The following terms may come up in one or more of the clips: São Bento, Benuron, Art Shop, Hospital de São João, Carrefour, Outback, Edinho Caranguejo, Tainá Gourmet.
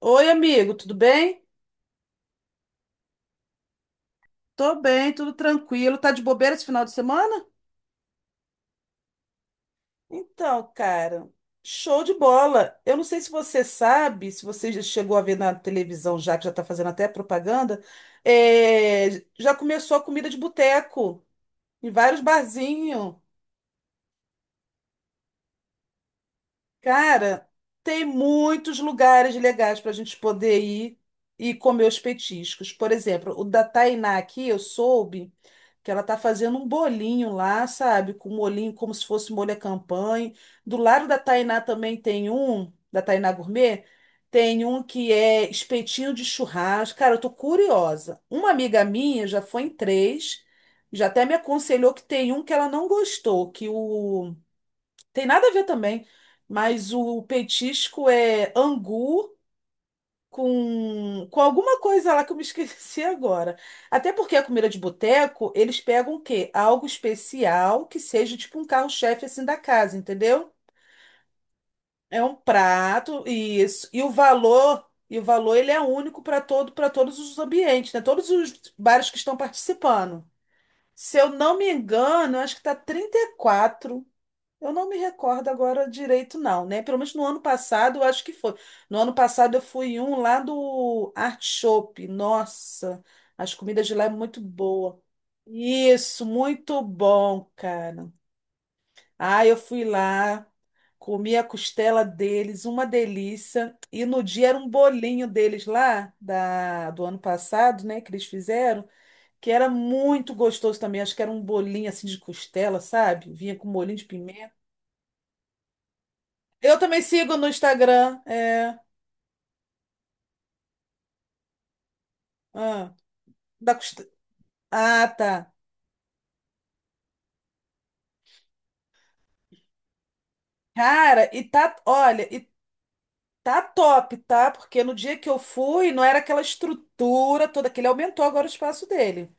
Oi, amigo, tudo bem? Tô bem, tudo tranquilo. Tá de bobeira esse final de semana? Então, cara, show de bola. Eu não sei se você sabe, se você já chegou a ver na televisão já, que já tá fazendo até propaganda, é, já começou a comida de boteco em vários barzinhos. Cara, tem muitos lugares legais para a gente poder ir e comer os petiscos. Por exemplo, o da Tainá aqui, eu soube que ela tá fazendo um bolinho lá, sabe? Com molhinho, como se fosse molho à campanha. Do lado da Tainá também tem um, da Tainá Gourmet, tem um que é espetinho de churrasco. Cara, eu tô curiosa. Uma amiga minha já foi em três, já até me aconselhou que tem um que ela não gostou, que o tem nada a ver também, mas o petisco é angu com alguma coisa lá que eu me esqueci agora. Até porque a comida de boteco, eles pegam o quê? Algo especial que seja tipo um carro-chefe assim da casa, entendeu? É um prato e isso. E o valor ele é único para todo, para todos os ambientes, né? Todos os bares que estão participando. Se eu não me engano, eu acho que tá 34. Eu não me recordo agora direito, não, né? Pelo menos no ano passado, eu acho que foi. No ano passado, eu fui em um lá do Art Shop. Nossa, as comidas de lá é muito boa. Isso, muito bom, cara. Ah, eu fui lá, comi a costela deles, uma delícia. E no dia era um bolinho deles lá, da, do ano passado, né, que eles fizeram, que era muito gostoso também. Acho que era um bolinho assim de costela, sabe? Vinha com molhinho de pimenta. Eu também sigo no Instagram. É. Ah, da Costa- ah, tá. Cara, e tá, olha, e tá top, tá? Porque no dia que eu fui, não era aquela estrutura toda, que ele aumentou agora o espaço dele.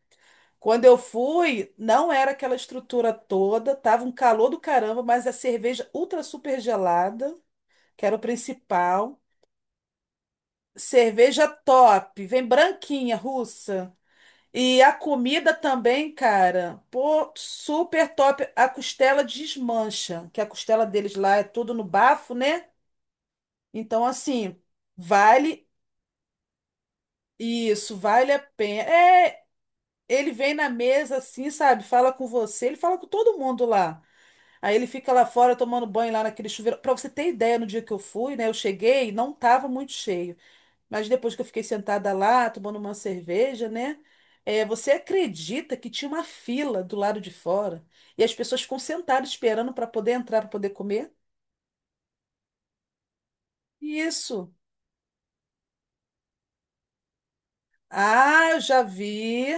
Quando eu fui, não era aquela estrutura toda, tava um calor do caramba, mas a cerveja ultra super gelada, que era o principal. Cerveja top, vem branquinha, russa. E a comida também, cara, pô, super top. A costela desmancha, que a costela deles lá é tudo no bafo, né? Então, assim, vale isso, vale a pena. É, ele vem na mesa assim, sabe? Fala com você, ele fala com todo mundo lá. Aí ele fica lá fora tomando banho lá naquele chuveiro. Pra você ter ideia, no dia que eu fui, né? Eu cheguei, não tava muito cheio. Mas depois que eu fiquei sentada lá, tomando uma cerveja, né? Você acredita que tinha uma fila do lado de fora e as pessoas ficam sentadas esperando para poder entrar, para poder comer? Isso. Ah, eu já vi,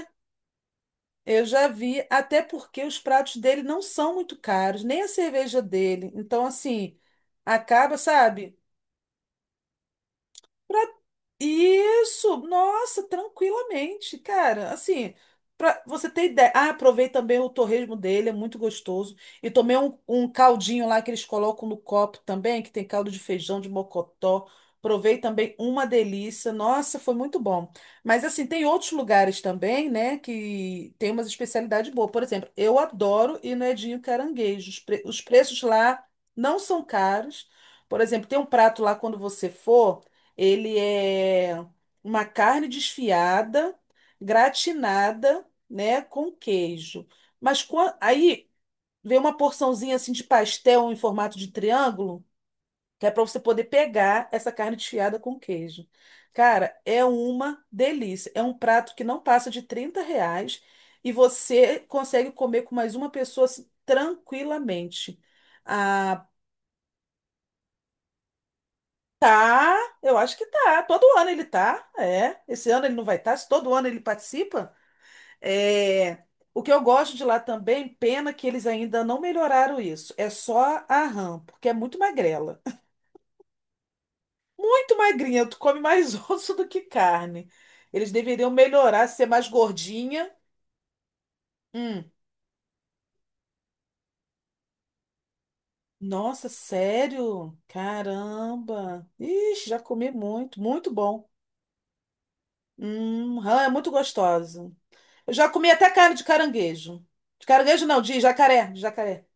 eu já vi. Até porque os pratos dele não são muito caros, nem a cerveja dele. Então, assim, acaba, sabe? Pra- Isso, nossa, tranquilamente, cara. Assim, pra você ter ideia. Ah, provei também o torresmo dele, é muito gostoso. E tomei um caldinho lá que eles colocam no copo também, que tem caldo de feijão de mocotó. Provei também uma delícia. Nossa, foi muito bom. Mas assim, tem outros lugares também, né, que tem umas especialidades boas. Por exemplo, eu adoro ir no Edinho Caranguejo. Os preços lá não são caros. Por exemplo, tem um prato lá quando você for. Ele é uma carne desfiada, gratinada, né, com queijo. Aí vem uma porçãozinha assim de pastel em formato de triângulo, que é para você poder pegar essa carne desfiada com queijo. Cara, é uma delícia. É um prato que não passa de 30 reais e você consegue comer com mais uma pessoa assim, tranquilamente. Tá, eu acho que tá. Todo ano ele tá, é. Esse ano ele não vai estar, se todo ano ele participa. É. O que eu gosto de lá também, pena que eles ainda não melhoraram isso. É só a rã, porque é muito magrela. Muito magrinha, tu come mais osso do que carne. Eles deveriam melhorar, ser mais gordinha. Hum. Nossa, sério? Caramba. Ixi, já comi muito, muito bom. Rã é muito gostosa. Eu já comi até carne de caranguejo. De caranguejo não, de jacaré, de jacaré.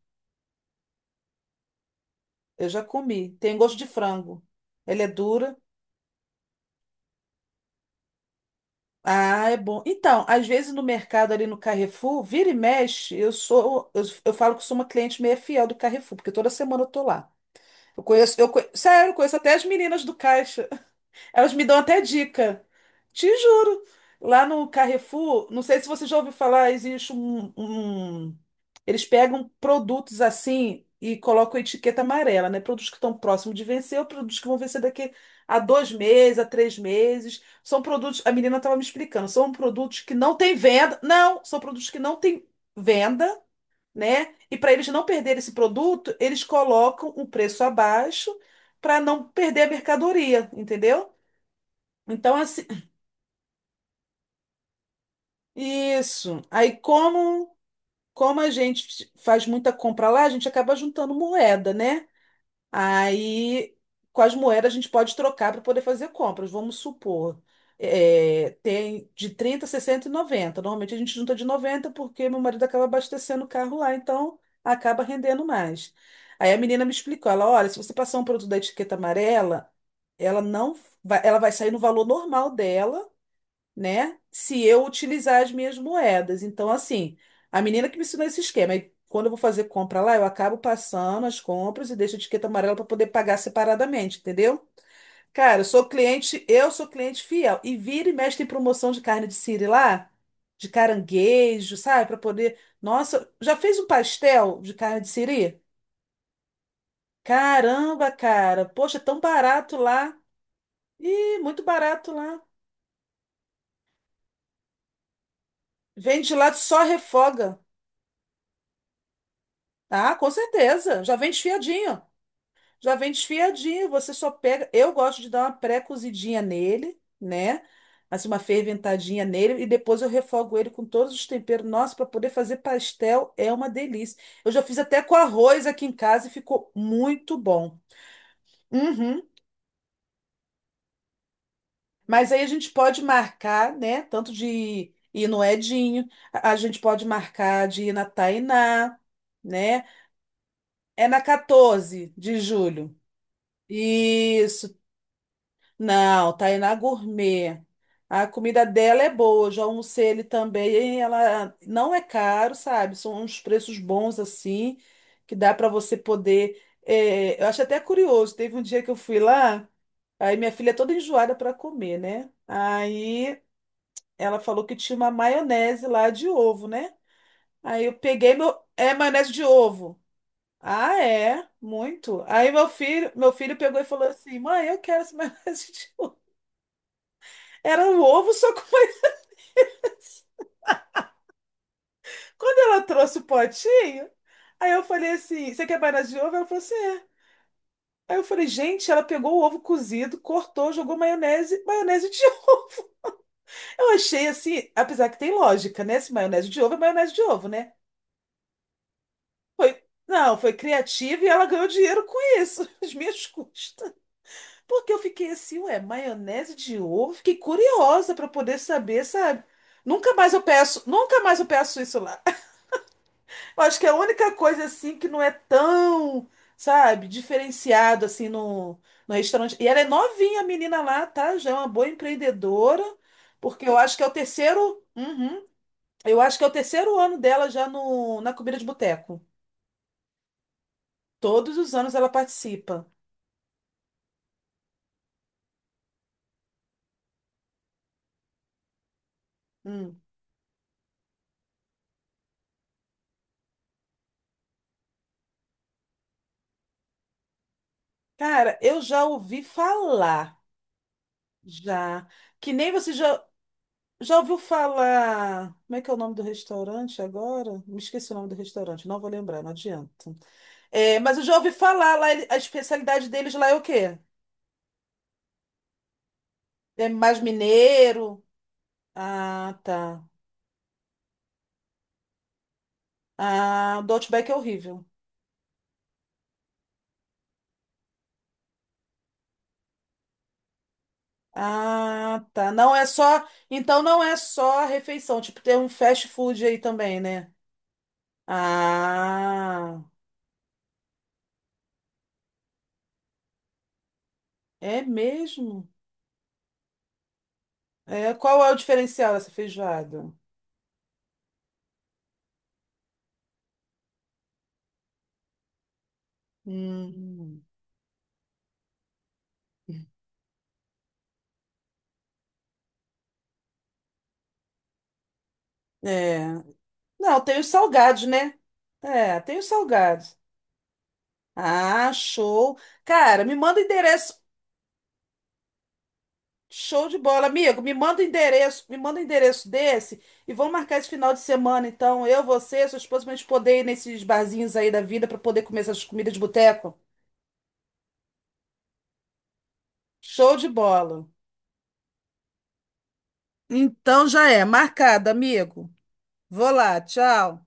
Eu já comi. Tem gosto de frango. Ela é dura. Ah, é bom. Então, às vezes no mercado ali no Carrefour, vira e mexe, eu falo que sou uma cliente meio fiel do Carrefour, porque toda semana eu tô lá. Eu conheço, eu conhe- sério, eu conheço até as meninas do caixa. Elas me dão até dica. Te juro. Lá no Carrefour, não sei se você já ouviu falar, existe um. Eles pegam produtos assim e colocam etiqueta amarela, né? Produtos que estão próximos de vencer ou produtos que vão vencer daqui a 2 meses, a 3 meses. São produtos. A menina estava me explicando, são produtos que não têm venda. Não, são produtos que não têm venda, né? E para eles não perderem esse produto, eles colocam o preço abaixo para não perder a mercadoria, entendeu? Então, assim, isso. Como a gente faz muita compra lá, a gente acaba juntando moeda, né? Aí, com as moedas, a gente pode trocar para poder fazer compras. Vamos supor, tem de 30, 60 e 90. Normalmente a gente junta de 90 porque meu marido acaba abastecendo o carro lá, então acaba rendendo mais. Aí a menina me explicou, ela, olha, se você passar um produto da etiqueta amarela, ela não vai, ela vai sair no valor normal dela, né? Se eu utilizar as minhas moedas. Então, assim, a menina que me ensinou esse esquema. E quando eu vou fazer compra lá, eu acabo passando as compras e deixo a etiqueta amarela para poder pagar separadamente, entendeu? Cara, eu sou cliente fiel. E vira e mexe tem promoção de carne de siri lá, de caranguejo, sabe? Para poder. Nossa, já fez um pastel de carne de siri? Caramba, cara. Poxa, é tão barato lá. Ih, muito barato lá. Vende lá, só refoga. Ah, com certeza. Já vem desfiadinho. Já vem desfiadinho. Você só pega. Eu gosto de dar uma pré-cozidinha nele, né? Assim, uma ferventadinha nele. E depois eu refogo ele com todos os temperos. Nossa, para poder fazer pastel é uma delícia. Eu já fiz até com arroz aqui em casa e ficou muito bom. Uhum. Mas aí a gente pode marcar, né? Tanto de ir no Edinho, a gente pode marcar de ir na Tainá, né? É na 14 de julho. Isso, Não, Tainá Gourmet. A comida dela é boa, eu já almocei ele também. E ela não é caro, sabe? São uns preços bons assim, que dá para você poder. Eu acho até curioso. Teve um dia que eu fui lá, aí minha filha é toda enjoada para comer, né? Aí ela falou que tinha uma maionese lá de ovo, né? Aí eu peguei meu. É maionese de ovo. Ah, é? Muito. Aí meu filho pegou e falou assim: mãe, eu quero essa maionese. Era um ovo, só com mais... Quando ela trouxe o potinho, aí eu falei assim: Você quer maionese de ovo? Ela falou assim: É. Aí eu falei: Gente, ela pegou o ovo cozido, cortou, jogou maionese, maionese de ovo. Eu achei assim, apesar que tem lógica, né? Se maionese de ovo é maionese de ovo, né? Foi. Não, foi criativa e ela ganhou dinheiro com isso, às minhas custas. Porque eu fiquei assim, ué, maionese de ovo? Fiquei curiosa para poder saber, sabe? Nunca mais eu peço, nunca mais eu peço isso lá. Eu acho que é a única coisa assim que não é tão, sabe, diferenciado assim no, no restaurante. E ela é novinha, a menina lá, tá? Já é uma boa empreendedora, porque eu acho que é o terceiro, Uhum. eu acho que é o terceiro ano dela já no, na comida de boteco. Todos os anos ela participa. Hum. Cara, eu já ouvi falar, já, que nem você já, já ouviu falar. Como é que é o nome do restaurante agora? Me esqueci o nome do restaurante, não vou lembrar, não adianta. É, mas eu já ouvi falar lá, ele- a especialidade deles lá é o quê? É mais mineiro? Ah, tá. Ah, o do Outback é horrível. Ah, tá. Não é só. Então não é só a refeição, tipo, tem um fast food aí também, né? Ah, é mesmo? É, qual é o diferencial dessa feijoada? Hum, é. Não, tem os salgados, né? É, tem os salgados. Ah, show. Cara, me manda o endereço. Show de bola, amigo. Me manda o endereço, me manda o endereço desse e vamos marcar esse final de semana, então. Eu, você, sua esposa, pra gente poder ir nesses barzinhos aí da vida para poder comer essas comidas de boteco. Show de bola. Então já é, marcado, amigo. Vou lá, tchau.